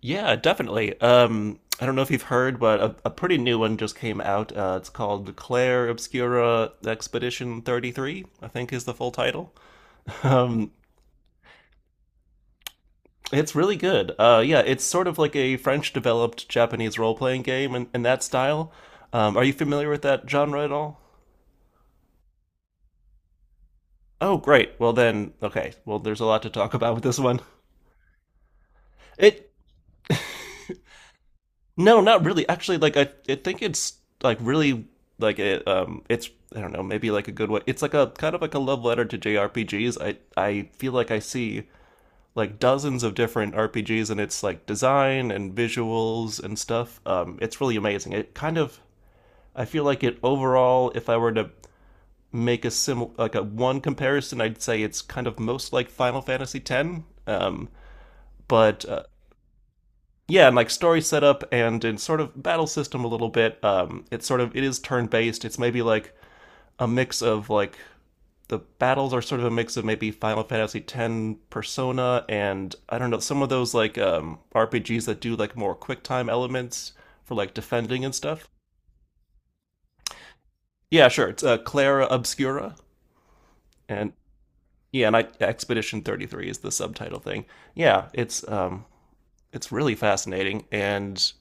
Yeah, definitely. I don't know if you've heard, but a pretty new one just came out. It's called Claire Obscura Expedition 33, I think is the full title. Um, it's really good. Yeah, it's sort of like a French developed Japanese role playing game in that style. Are you familiar with that genre at all? Oh, great. Well, then, okay. Well, there's a lot to talk about with this one. It No, not really. Actually, like I think it's like really like it. It's I don't know, maybe like a good way. It's like a kind of like a love letter to JRPGs. I feel like I see like dozens of different RPGs and it's like design and visuals and stuff. It's really amazing. It kind of I feel like it overall. If I were to make a sim like a one comparison, I'd say it's kind of most like Final Fantasy X. Um, but Yeah, and like story setup and in sort of battle system a little bit. It's sort of it is turn based. It's maybe like a mix of like the battles are sort of a mix of maybe Final Fantasy X Persona and I don't know some of those like RPGs that do like more quick time elements for like defending and stuff. Yeah, sure. It's Clara Obscura and yeah, Expedition 33 is the subtitle thing. Yeah, it's really fascinating and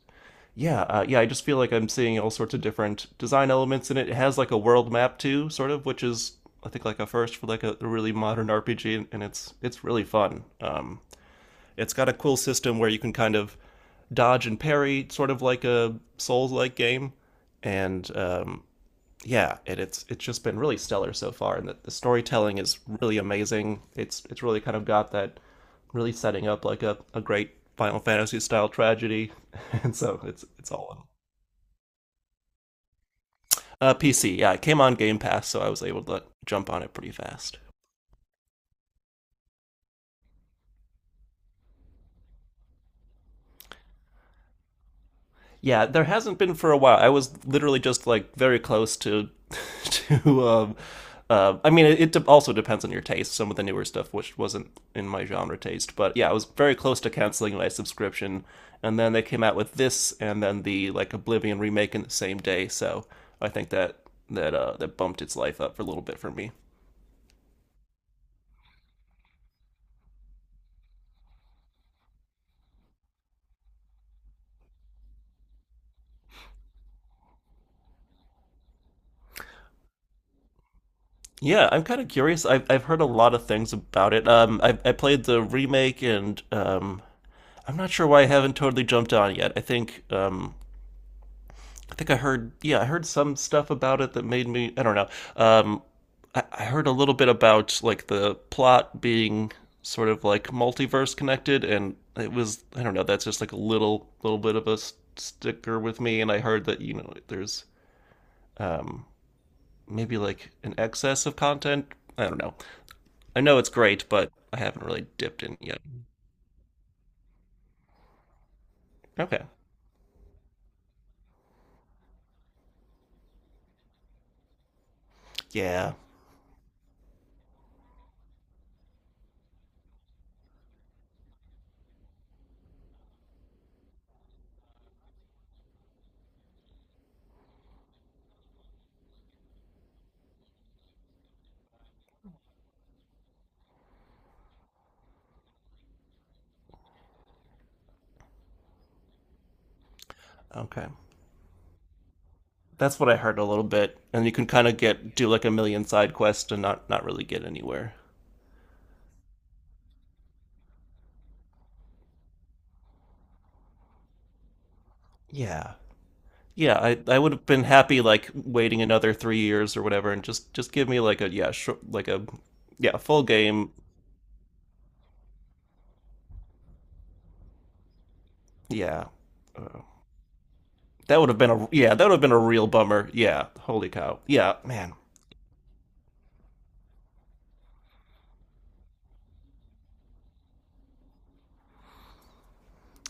yeah, yeah, I just feel like I'm seeing all sorts of different design elements in it. It has like a world map too, sort of, which is I think like a first for like a really modern RPG, and it's really fun. It's got a cool system where you can kind of dodge and parry, sort of like a Souls-like game, and yeah, and it's just been really stellar so far, and the storytelling is really amazing. It's really kind of got that really setting up like a great Final Fantasy style tragedy, and so it's all in. PC, yeah, it came on Game Pass, so I was able to jump on it pretty fast. Yeah, there hasn't been for a while. I was literally just like very close to, to. I mean, it also depends on your taste. Some of the newer stuff, which wasn't in my genre taste, but yeah, I was very close to canceling my subscription, and then they came out with this, and then the like Oblivion remake in the same day. So I think that bumped its life up for a little bit for me. Yeah, I'm kind of curious. I've heard a lot of things about it. I played the remake, and I'm not sure why I haven't totally jumped on yet. I think I think I heard yeah, I heard some stuff about it that made me I don't know. Um, I heard a little bit about like the plot being sort of like multiverse connected, and it was I don't know. That's just like a little bit of a sticker with me. And I heard that you know there's um maybe like an excess of content. I don't know. I know it's great, but I haven't really dipped in yet. Okay. Yeah. Okay. That's what I heard a little bit, and you can kind of get do like a million side quests and not really get anywhere. Yeah. Yeah, I would have been happy like waiting another 3 years or whatever, and just give me like a yeah like a yeah full game yeah uh, that would have been a yeah that would have been a real bummer yeah holy cow yeah man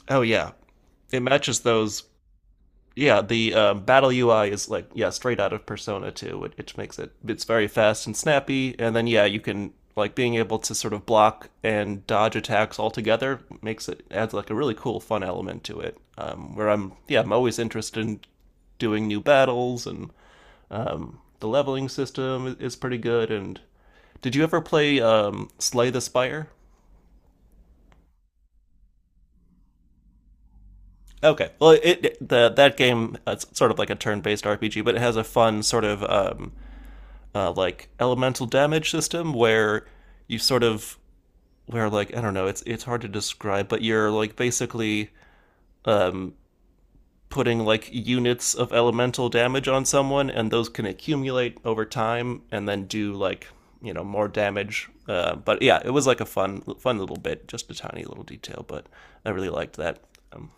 oh yeah it matches those yeah, the battle UI is like yeah, straight out of Persona 2, which, makes it it's very fast and snappy. And then yeah, you can like being able to sort of block and dodge attacks altogether makes it adds like a really cool fun element to it. Where I'm yeah, I'm always interested in doing new battles and the leveling system is pretty good. And did you ever play Slay the Spire? Okay, well, it the that game it's sort of like a turn-based RPG, but it has a fun sort of like elemental damage system where you sort of where like I don't know, it's hard to describe, but you're like basically um putting like units of elemental damage on someone and those can accumulate over time and then do like you know more damage but yeah it was like a fun little bit just a tiny little detail but I really liked that um,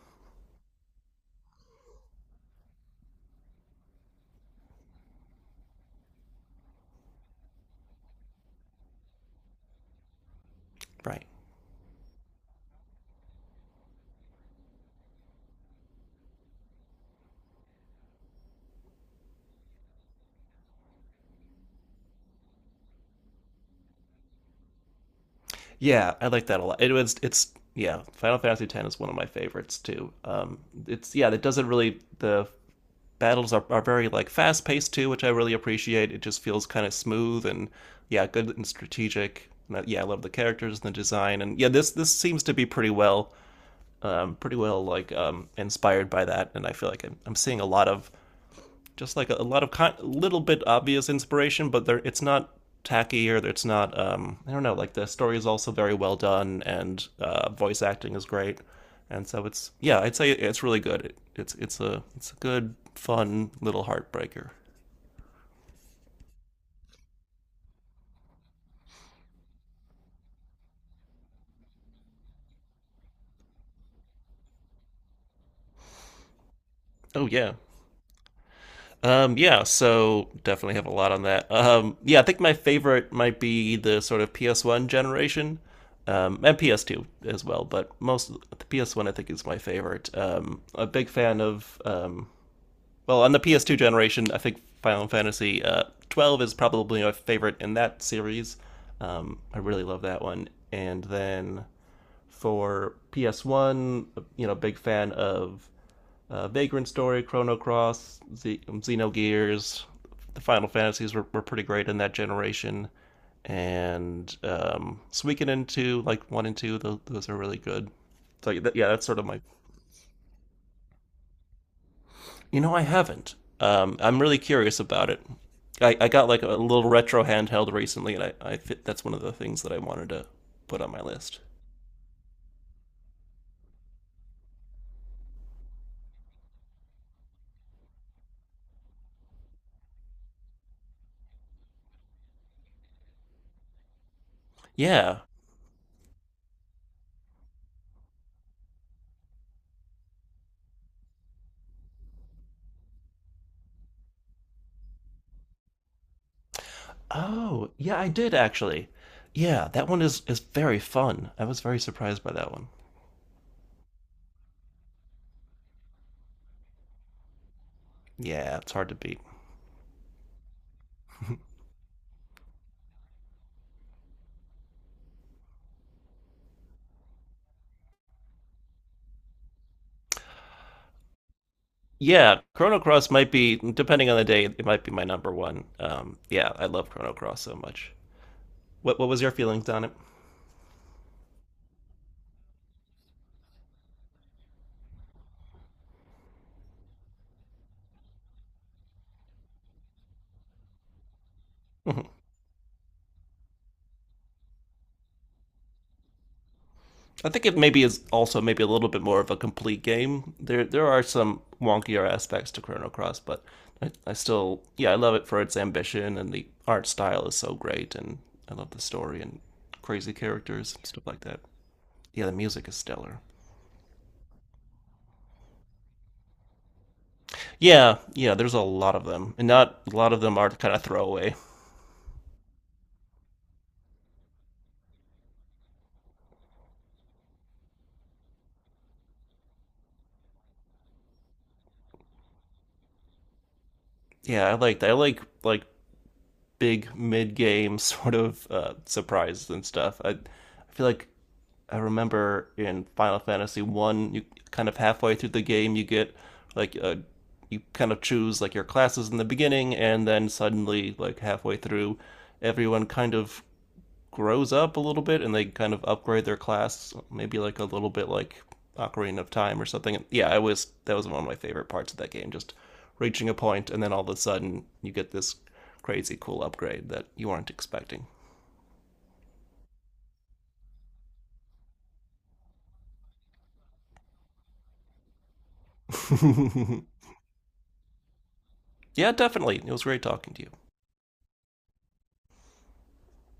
right yeah I like that a lot it's yeah final fantasy x is one of my favorites too it's yeah it doesn't really the battles are very like fast paced too, which I really appreciate. It just feels kind of smooth and yeah, good and strategic. And yeah, I love the characters and the design, and yeah, this seems to be pretty well, pretty well like inspired by that, and I feel like I'm seeing a lot of just like a lot of little bit obvious inspiration, but there it's not tacky or it's not I don't know, like the story is also very well done and voice acting is great. And so it's yeah, I'd say it's really good. It's a good fun little heartbreaker. Oh yeah. Yeah, so definitely have a lot on that. Yeah, I think my favorite might be the sort of PS1 generation. And PS2 as well, but most of the PS1 I think is my favorite. A big fan of well, on the PS2 generation, I think Final Fantasy 12 is probably my favorite in that series. I really love that one. And then for PS1, you know, big fan of Vagrant Story, Chrono Cross, Xenogears. The Final Fantasies were pretty great in that generation. And Suikoden 2, like 1 and 2, those are really good. So, yeah, that's sort of my You know, I haven't. I'm really curious about it. I got like a little retro handheld recently, and that's one of the things that I wanted to put on my list. Yeah. Oh, yeah, I did actually. Yeah, that one is very fun. I was very surprised by that one. Yeah, it's hard to beat. Yeah, Chrono Cross might be, depending on the day, it might be my number one. Yeah, I love Chrono Cross so much. What was your feelings on it? I think it maybe is also maybe a little bit more of a complete game. There are some wonkier aspects to Chrono Cross, but I still yeah I love it for its ambition and the art style is so great and I love the story and crazy characters and stuff like that. Yeah, the music is stellar. Yeah, yeah, there's a lot of them, and not a lot of them are kind of throwaway. Yeah, I like big mid game sort of surprises and stuff. I feel like I remember in Final Fantasy One, you kind of halfway through the game, you get like you kind of choose like your classes in the beginning, and then suddenly like halfway through, everyone kind of grows up a little bit and they kind of upgrade their class, maybe like a little bit like Ocarina of Time or something. Yeah, I was that was one of my favorite parts of that game, just reaching a point and then all of a sudden you get this crazy cool upgrade that you weren't expecting. yeah, definitely. It was great talking to you.